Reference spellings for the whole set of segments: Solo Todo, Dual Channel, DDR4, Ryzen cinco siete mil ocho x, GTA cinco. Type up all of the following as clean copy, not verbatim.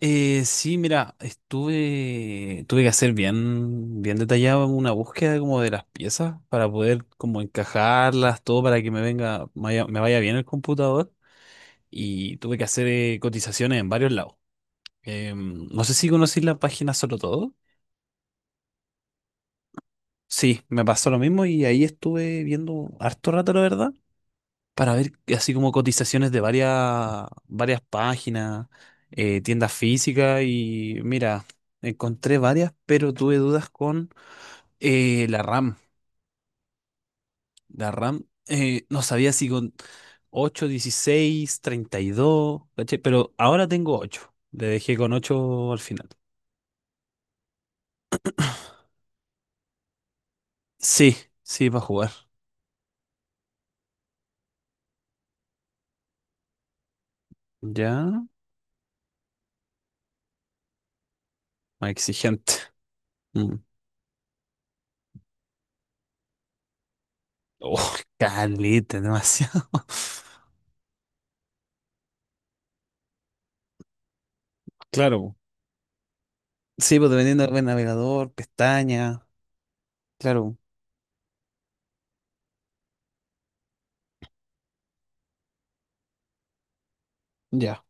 Sí, mira, tuve que hacer bien detallado una búsqueda como de las piezas para poder como encajarlas, todo para que me vaya bien el computador y tuve que hacer cotizaciones en varios lados. No sé si conocís la página Solo Todo. Sí, me pasó lo mismo y ahí estuve viendo harto rato, la verdad. Para ver así como cotizaciones de varias páginas, tiendas físicas y mira, encontré varias, pero tuve dudas con la RAM. La RAM, no sabía si con 8, 16, 32, ¿cachai? Pero ahora tengo 8 Le Dejé con 8 al final. Sí, sí, para jugar. Ya, más exigente. Mm. Oh, caleta, demasiado. Claro, po. Sí, pues dependiendo del navegador, pestaña. Claro, ya.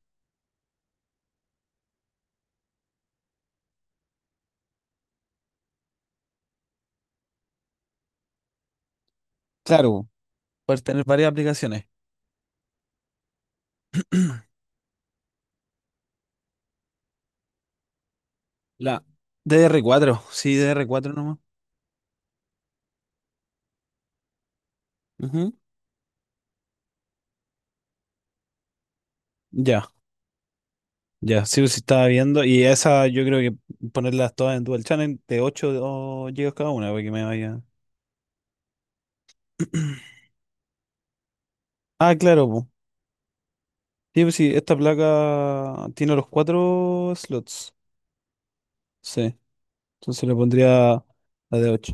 Claro, puedes tener varias aplicaciones. La DDR4, sí, DDR4 nomás. Ujú. Ya, ya, sí, sí estaba viendo. Y esa yo creo que ponerlas todas en Dual Channel de 8 o GB cada una para que me vaya. Ah, claro, po. Sí, pues sí, esta placa tiene los cuatro slots. Sí, entonces le pondría la de 8.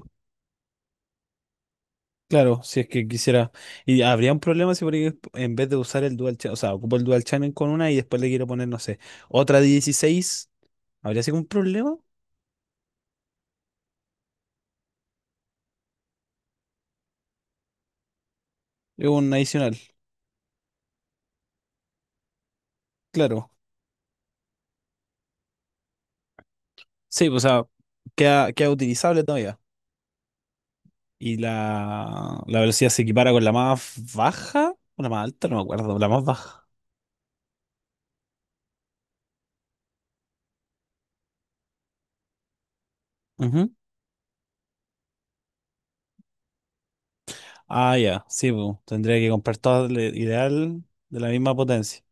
Claro, si es que quisiera. Y habría un problema si por ahí en vez de usar el dual channel, o sea, ocupo el dual channel con una y después le quiero poner, no sé, otra de 16. ¿Habría sido un problema? Es un adicional, claro. Sí, pues, o sea, queda utilizable todavía. Y la velocidad se equipara con la más baja o la más alta, no me acuerdo, la más baja. Ujú. Ah, ya, sí, pues, tendría que comprar todas, ideal de la misma potencia.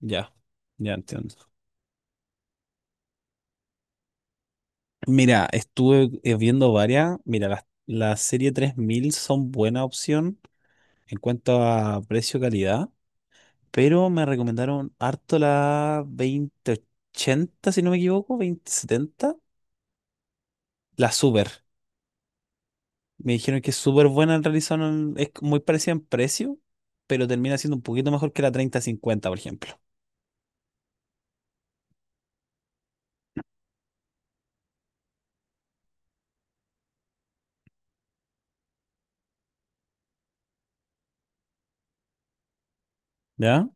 Ya, ya entiendo. Mira, estuve viendo varias. Mira, la serie 3000 son buena opción en cuanto a precio-calidad, pero me recomendaron harto la 2080, si no me equivoco, 2070, la Super. Me dijeron que es súper buena, en realidad es muy parecida en precio, pero termina siendo un poquito mejor que la 3050, por ejemplo. ¿Ya?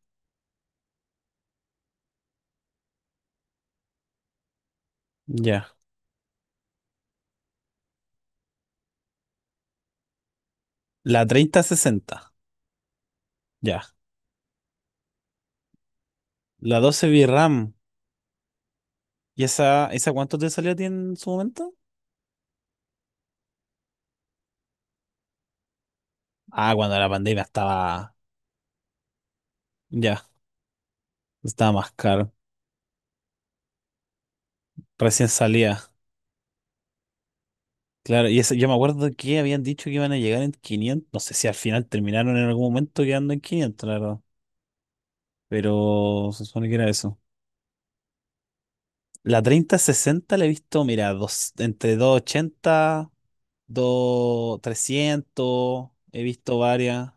Ya. La 3060, ya. La 12 VRAM. ¿Y esa cuánto te salió a ti en su momento? Ah, cuando la pandemia estaba. Ya, estaba más caro. Recién salía. Claro, y yo me acuerdo que habían dicho que iban a llegar en 500. No sé si al final terminaron en algún momento quedando en 500, la verdad. Pero se supone que era eso. La 3060 la he visto, mira, dos, entre 280 2 trescientos. He visto varias.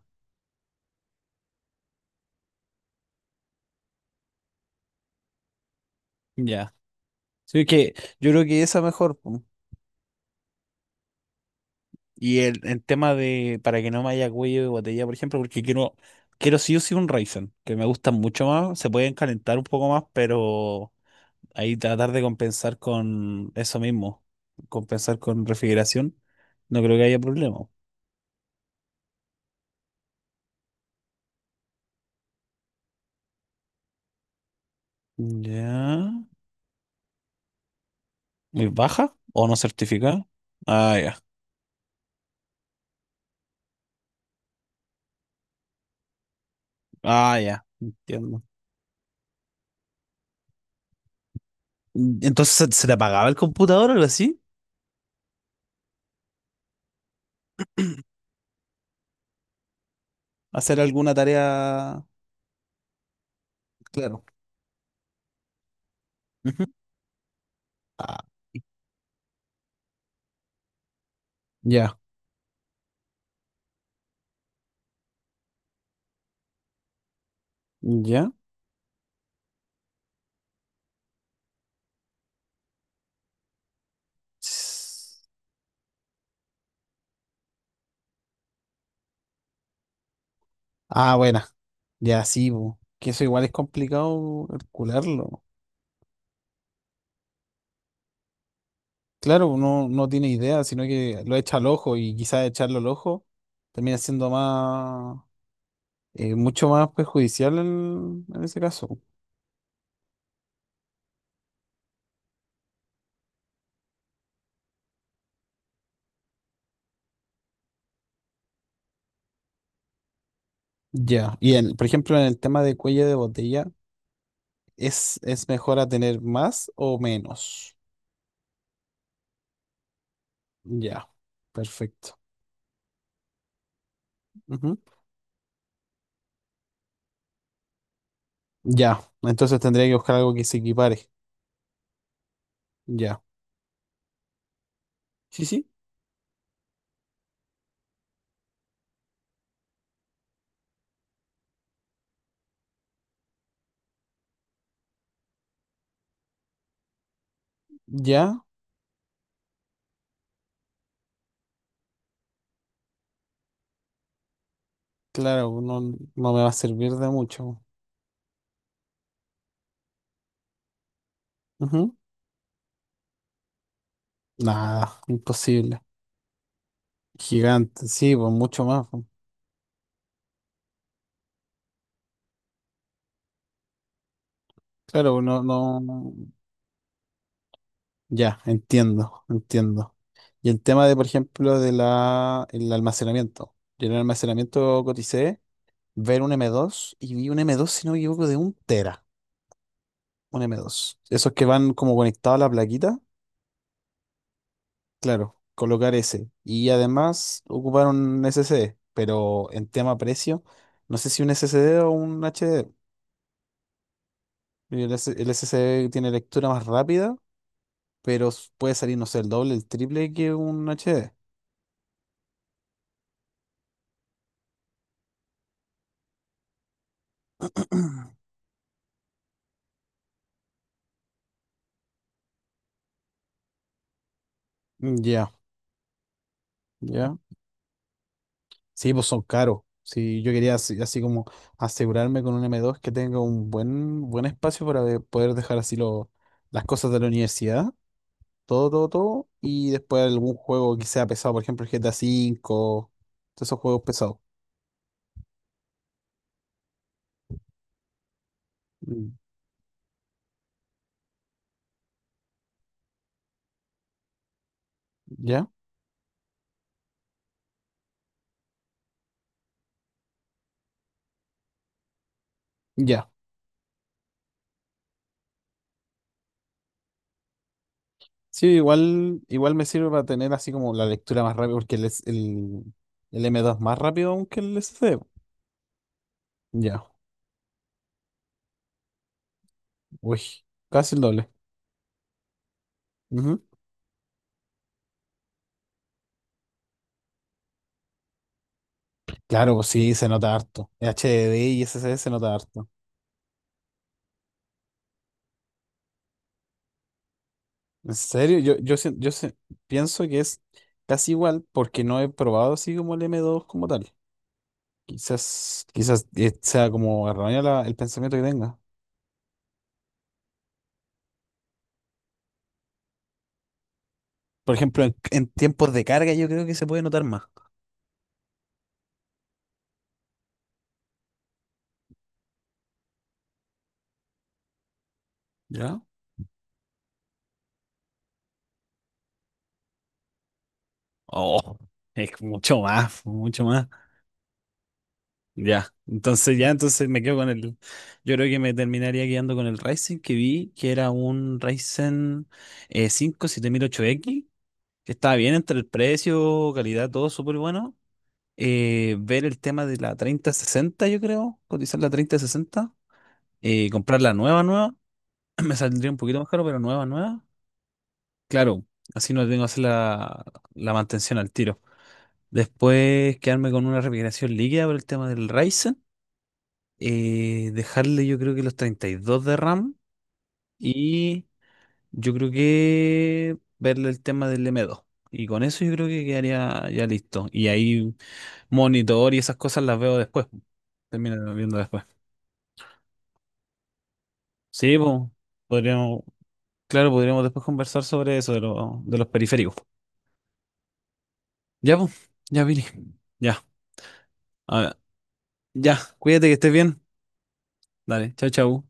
Ya. Sí, que yo creo que esa mejor. Y el tema de para que no me haya cuello de botella, por ejemplo, porque quiero sí o sí un Ryzen, que me gustan mucho más, se pueden calentar un poco más, pero ahí tratar de compensar con eso mismo, compensar con refrigeración, no creo que haya problema. Ya. ¿Muy baja o no certificada? Ah, ya. Ah, ya. Entiendo. Entonces, se te apagaba el computador o algo así? ¿Hacer alguna tarea? Claro. Ujú. Ah, ya. Ya. Ah, buena. Ya sí, bu. Que eso igual es complicado calcularlo. Claro, uno no tiene idea, sino que lo echa al ojo y quizás echarlo al ojo termina siendo más, mucho más perjudicial en ese caso. Ya. Y en, por ejemplo, en el tema de cuello de botella, es mejor a tener más o menos? Ya. Perfecto. Ujú. Ya. Entonces tendría que buscar algo que se equipare. Ya. Sí, sí. Ya. Claro, no, no me va a servir de mucho. Ujú. Nada, imposible. Gigante, sí, pues mucho más, pues. Claro, pues, no, no. Ya, entiendo, entiendo. Y el tema de, por ejemplo, el almacenamiento. Yo en el almacenamiento coticé ver un m dos y vi un m dos, si no me equivoco, de un tera. Un m dos. Esos que van como conectados a la plaquita, claro, colocar ese. Y además ocupar un s s d, pero en tema precio, no sé si un s s d o un HD. Y el S SSD tiene lectura más rápida, pero puede salir, no sé, el doble, el triple que un HD. Mm, ya, ya. Sí, pues son caros. Si yo quería así, así como asegurarme con un m dos que tenga un buen espacio para poder dejar así las cosas de la universidad, todo, todo, todo, y después algún juego que sea pesado, por ejemplo el GTA 5. Todos esos juegos pesados. Mm. ¿Ya? Ya. Sí, igual, igual me sirve para tener así como la lectura más rápida, porque el m dos es más rápido aún que el S d. Ya, uy, casi el doble. Ujú. Claro, pues sí, se nota harto. HDD y SSD se nota harto. En serio, yo, sien- yo se- pienso que es casi igual porque no he probado así como el m dos como tal. Quizás sea como erróneo el pensamiento que tenga. Por ejemplo, en tiempos de carga yo creo que se puede notar más. ¿Ya? Oh, es mucho más, mucho más. Ya, entonces me quedo con el. Yo creo que me terminaría quedando con el Ryzen que vi, que era un Ryzen cinco siete mil ocho x, que estaba bien entre el precio, calidad, todo súper bueno. Ver el tema de la 3060 yo creo, cotizar la 3060, comprar la nueva, nueva, me saldría un poquito más caro, pero nueva, nueva. Claro, así no tengo que hacer la mantención al tiro. Después quedarme con una refrigeración líquida por el tema del Ryzen. Dejarle yo creo que los 32 de RAM y yo creo que verle el tema del m dos. Y con eso yo creo que quedaría ya listo. Y ahí monitor y esas cosas las veo después. Termino viendo después. Sí, pues, podríamos, claro, podríamos después conversar sobre eso de, de los periféricos. Ya, pues, ya, Viri. Ya, a ver, ya, cuídate que estés bien. Dale, chao, chao.